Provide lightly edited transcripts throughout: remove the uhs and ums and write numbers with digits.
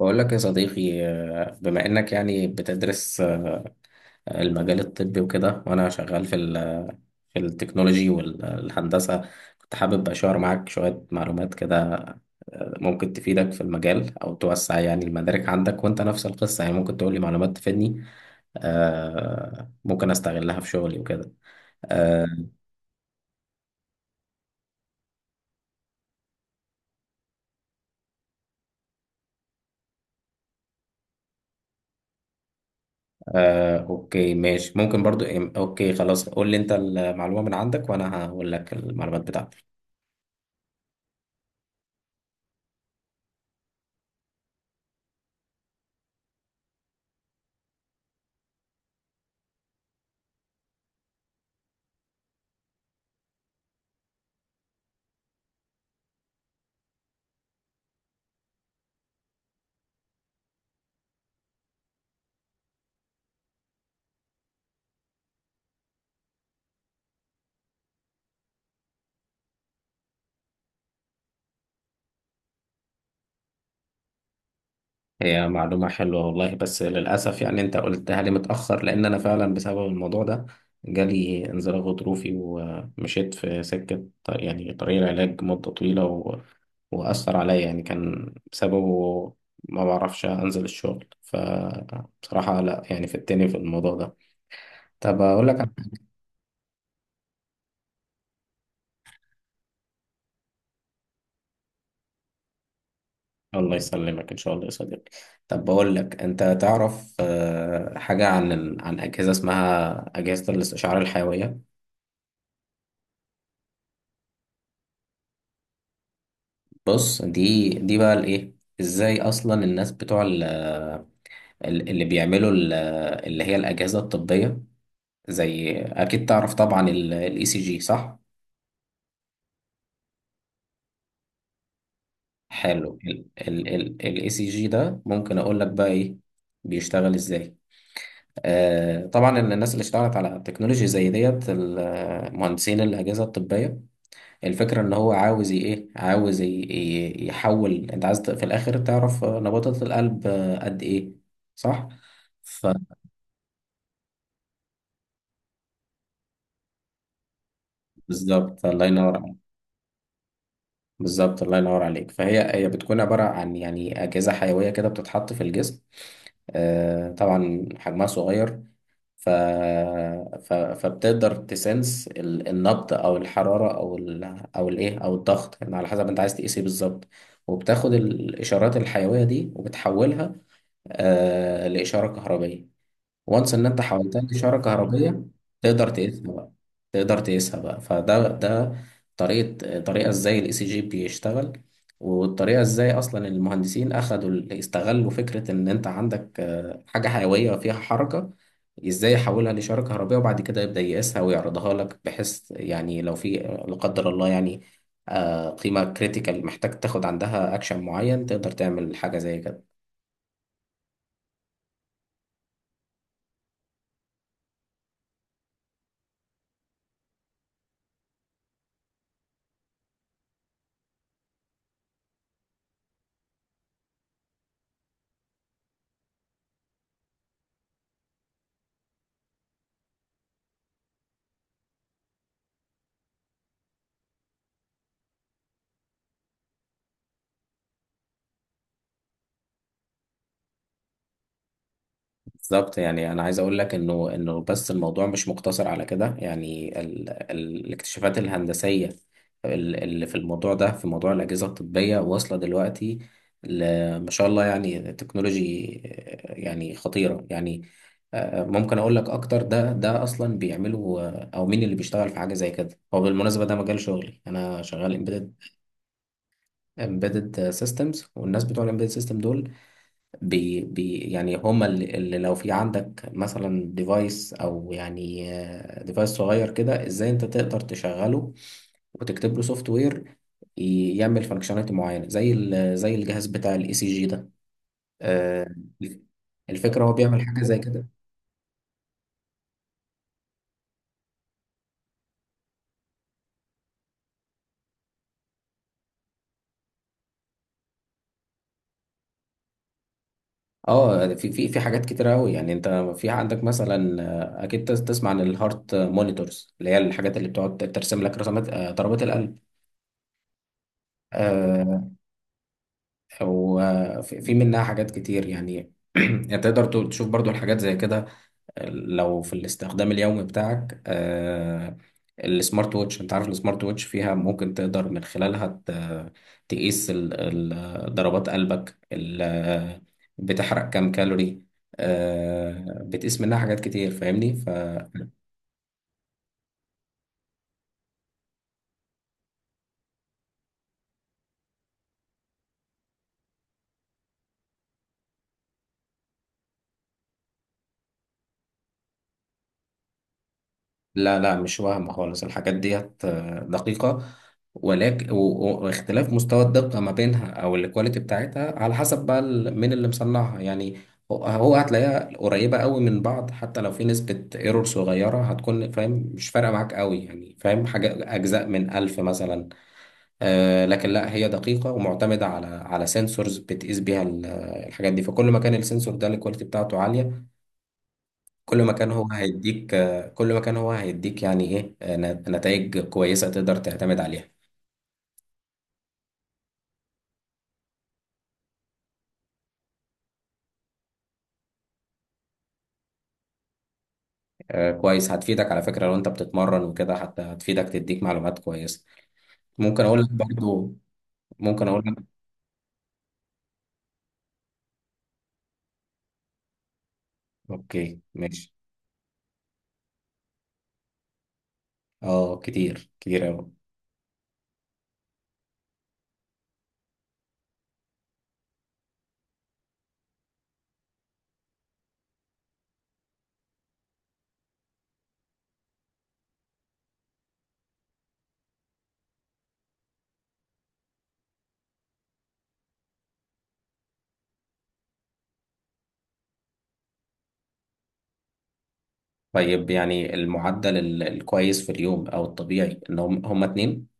بقول لك يا صديقي، بما انك يعني بتدرس المجال الطبي وكده، وانا شغال في التكنولوجي والهندسة. كنت حابب اشار معاك شوية معلومات كده، ممكن تفيدك في المجال او توسع يعني المدارك عندك، وانت نفس القصة يعني ممكن تقول لي معلومات تفيدني، ممكن استغلها في شغلي وكده. آه، اوكي ماشي ممكن برضو. اوكي خلاص، قول لي انت المعلومة من عندك وانا هقول لك المعلومات بتاعتي. هي معلومة حلوة والله، بس للأسف يعني أنت قلتها لي متأخر، لأن أنا فعلا بسبب الموضوع ده جالي انزلاق غضروفي، ومشيت في سكة يعني طريق العلاج مدة طويلة، وأثر عليا، يعني كان بسببه ما بعرفش أنزل الشغل، فبصراحة لا، يعني فتني في الموضوع ده. طب أقول لك، الله يسلمك إن شاء الله يا صديقي. طب بقول لك، أنت تعرف حاجة عن أجهزة اسمها أجهزة الاستشعار الحيوية؟ بص، دي بقى الايه، ازاي اصلا الناس بتوع اللي بيعملوا اللي هي الاجهزه الطبيه، زي اكيد تعرف طبعا الاي سي جي، صح؟ حلو. الاي سي جي ده ممكن اقول لك بقى ايه، بيشتغل ازاي. آه طبعا، إن الناس اللي اشتغلت على تكنولوجي زي ديت، مهندسين الاجهزه الطبيه، الفكرة ان هو عاوز ي- ايه عاوز ي- ي- يحول، انت عايز في الاخر تعرف نبضات القلب قد ايه، صح؟ فبالظبط، الله ينور عليك. بالظبط الله ينور عليك، فهي بتكون عبارة عن يعني أجهزة حيوية كده بتتحط في الجسم، طبعا حجمها صغير. ف... فبتقدر تسنس النبض او الحراره او الايه او الضغط، يعني على حسب انت عايز تقيس ايه بالظبط، وبتاخد الاشارات الحيويه دي وبتحولها لإشارة كهربية. وانس إن أنت حولتها لإشارة كهربية، تقدر تقيسها بقى. تقدر تقيسها بقى، فده طريقة إزاي الإي سي جي بيشتغل، والطريقة إزاي أصلا المهندسين استغلوا فكرة إن أنت عندك حاجة حيوية فيها حركة، إزاي يحولها لإشارة كهربية، وبعد كده يبدأ يقيسها ويعرضها لك، بحيث يعني لو في لا قدر الله يعني قيمة كريتيكال محتاج تاخد عندها أكشن معين، تقدر تعمل حاجة زي كده. بالظبط، يعني انا عايز اقول لك انه بس الموضوع مش مقتصر على كده، يعني ال الاكتشافات الهندسيه اللي في الموضوع ده، في موضوع الاجهزه الطبيه، واصله دلوقتي ما شاء الله، يعني تكنولوجي يعني خطيره يعني. ممكن اقول لك اكتر، ده اصلا بيعملوا او مين اللي بيشتغل في حاجه زي كده. هو بالمناسبه ده مجال شغلي، انا شغال امبيدد سيستمز. والناس بتوع الامبيدد سيستم دول، بي بي يعني هما اللي، اللي لو في عندك مثلا ديفايس او يعني ديفايس صغير كده، ازاي انت تقدر تشغله وتكتب له سوفت وير يعمل فانكشناليتي معينه، زي زي الجهاز بتاع الاي سي جي ده. آه، الفكره هو بيعمل حاجه زي كده. اه في حاجات كتير قوي، يعني انت في عندك مثلا اكيد تسمع عن الهارت مونيتورز، اللي هي الحاجات اللي بتقعد ترسم لك رسمات ضربات القلب. آه، وفي منها حاجات كتير، يعني يعني تقدر تشوف برضو الحاجات زي كده لو في الاستخدام اليومي بتاعك. السمارت ووتش، انت عارف السمارت ووتش فيها ممكن تقدر من خلالها تقيس ضربات قلبك، بتحرق كام كالوري، بتقيس منها حاجات كتير، فاهمني. لا، لا، مش وهم خالص، الحاجات ديت دقيقة، ولكن واختلاف مستوى الدقة ما بينها أو الكواليتي بتاعتها على حسب بقى مين اللي مصنعها، يعني هو هتلاقيها قريبة قوي من بعض، حتى لو في نسبة ايرور صغيرة هتكون، فاهم، مش فارقة معاك قوي يعني، فاهم، حاجة أجزاء من ألف مثلا. لكن لا، هي دقيقة ومعتمدة على سنسورز بتقيس بيها الحاجات دي، فكل ما كان السنسور ده الكواليتي بتاعته عالية، كل ما كان هو هيديك، كل ما كان هو هيديك يعني ايه، نتائج كويسة تقدر تعتمد عليها. كويس، هتفيدك على فكرة لو انت بتتمرن وكده، حتى هتفيدك تديك معلومات كويسة. ممكن اقول لك برضو، ممكن اقول لك. اوكي ماشي. اه، كتير كتير اوي. طيب، يعني المعدل الكويس في اليوم او الطبيعي ان هم اتنين.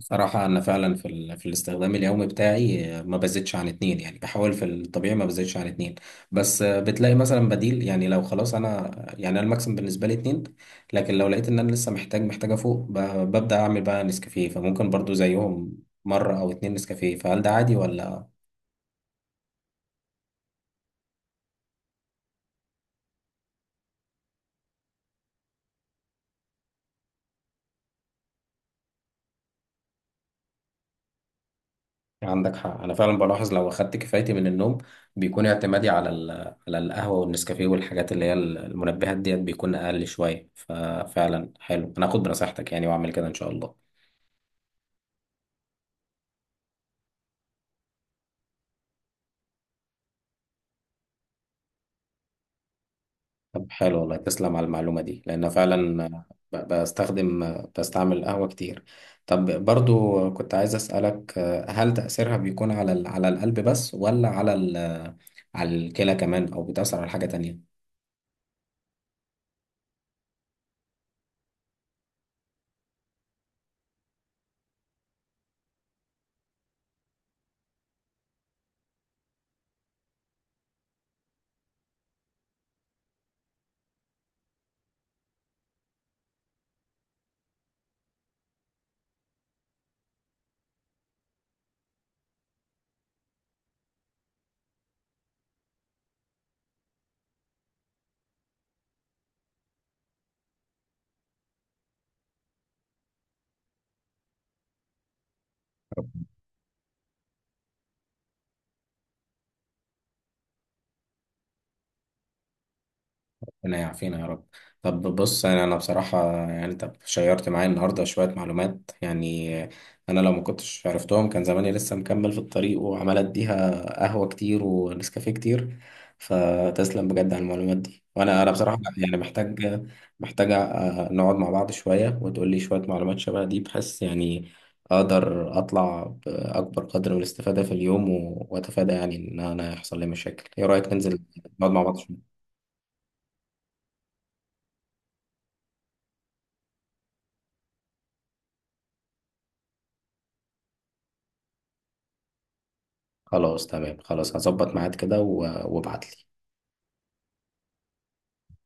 صراحة أنا فعلا في الاستخدام اليومي بتاعي ما بزيدش عن اتنين، يعني بحاول في الطبيعي ما بزيدش عن اتنين. بس بتلاقي مثلا بديل، يعني لو خلاص أنا، يعني أنا الماكسيم بالنسبة لي اتنين. لكن لو لقيت إن أنا لسه محتاجة فوق، ببدأ أعمل بقى نسكافيه، فممكن برضو زيهم مرة أو اتنين نسكافيه، فهل ده عادي ولا؟ عندك حق، انا فعلا بلاحظ لو اخدت كفايتي من النوم بيكون اعتمادي على القهوه والنسكافيه والحاجات اللي هي المنبهات ديت بيكون اقل شويه، ففعلا حلو، انا هاخد بنصيحتك يعني واعمل كده ان شاء الله. طب حلو والله، تسلم على المعلومه دي لان فعلا ب- بستخدم بستعمل قهوه كتير. طب برضو كنت عايز اسالك، هل تاثيرها بيكون على على القلب بس، ولا على على الكلى كمان، او بتاثر على حاجه تانية؟ ربنا يعافينا يا رب. طب بص، أنا بصراحه يعني انت شيرت معايا النهارده شويه معلومات، يعني انا لو ما كنتش عرفتهم كان زماني لسه مكمل في الطريق وعمال اديها قهوه كتير ونسكافيه كتير، فتسلم بجد على المعلومات دي. وانا بصراحه يعني محتاج، نقعد مع بعض شويه وتقول لي شويه معلومات شبه دي، بحيث يعني اقدر اطلع باكبر قدر من الاستفاده في اليوم، واتفادى يعني ان انا يحصل لي مشاكل. ايه رايك ننزل نقعد مع بعض شويه؟ خلاص تمام، خلاص هظبط ميعاد كده، وابعتلي.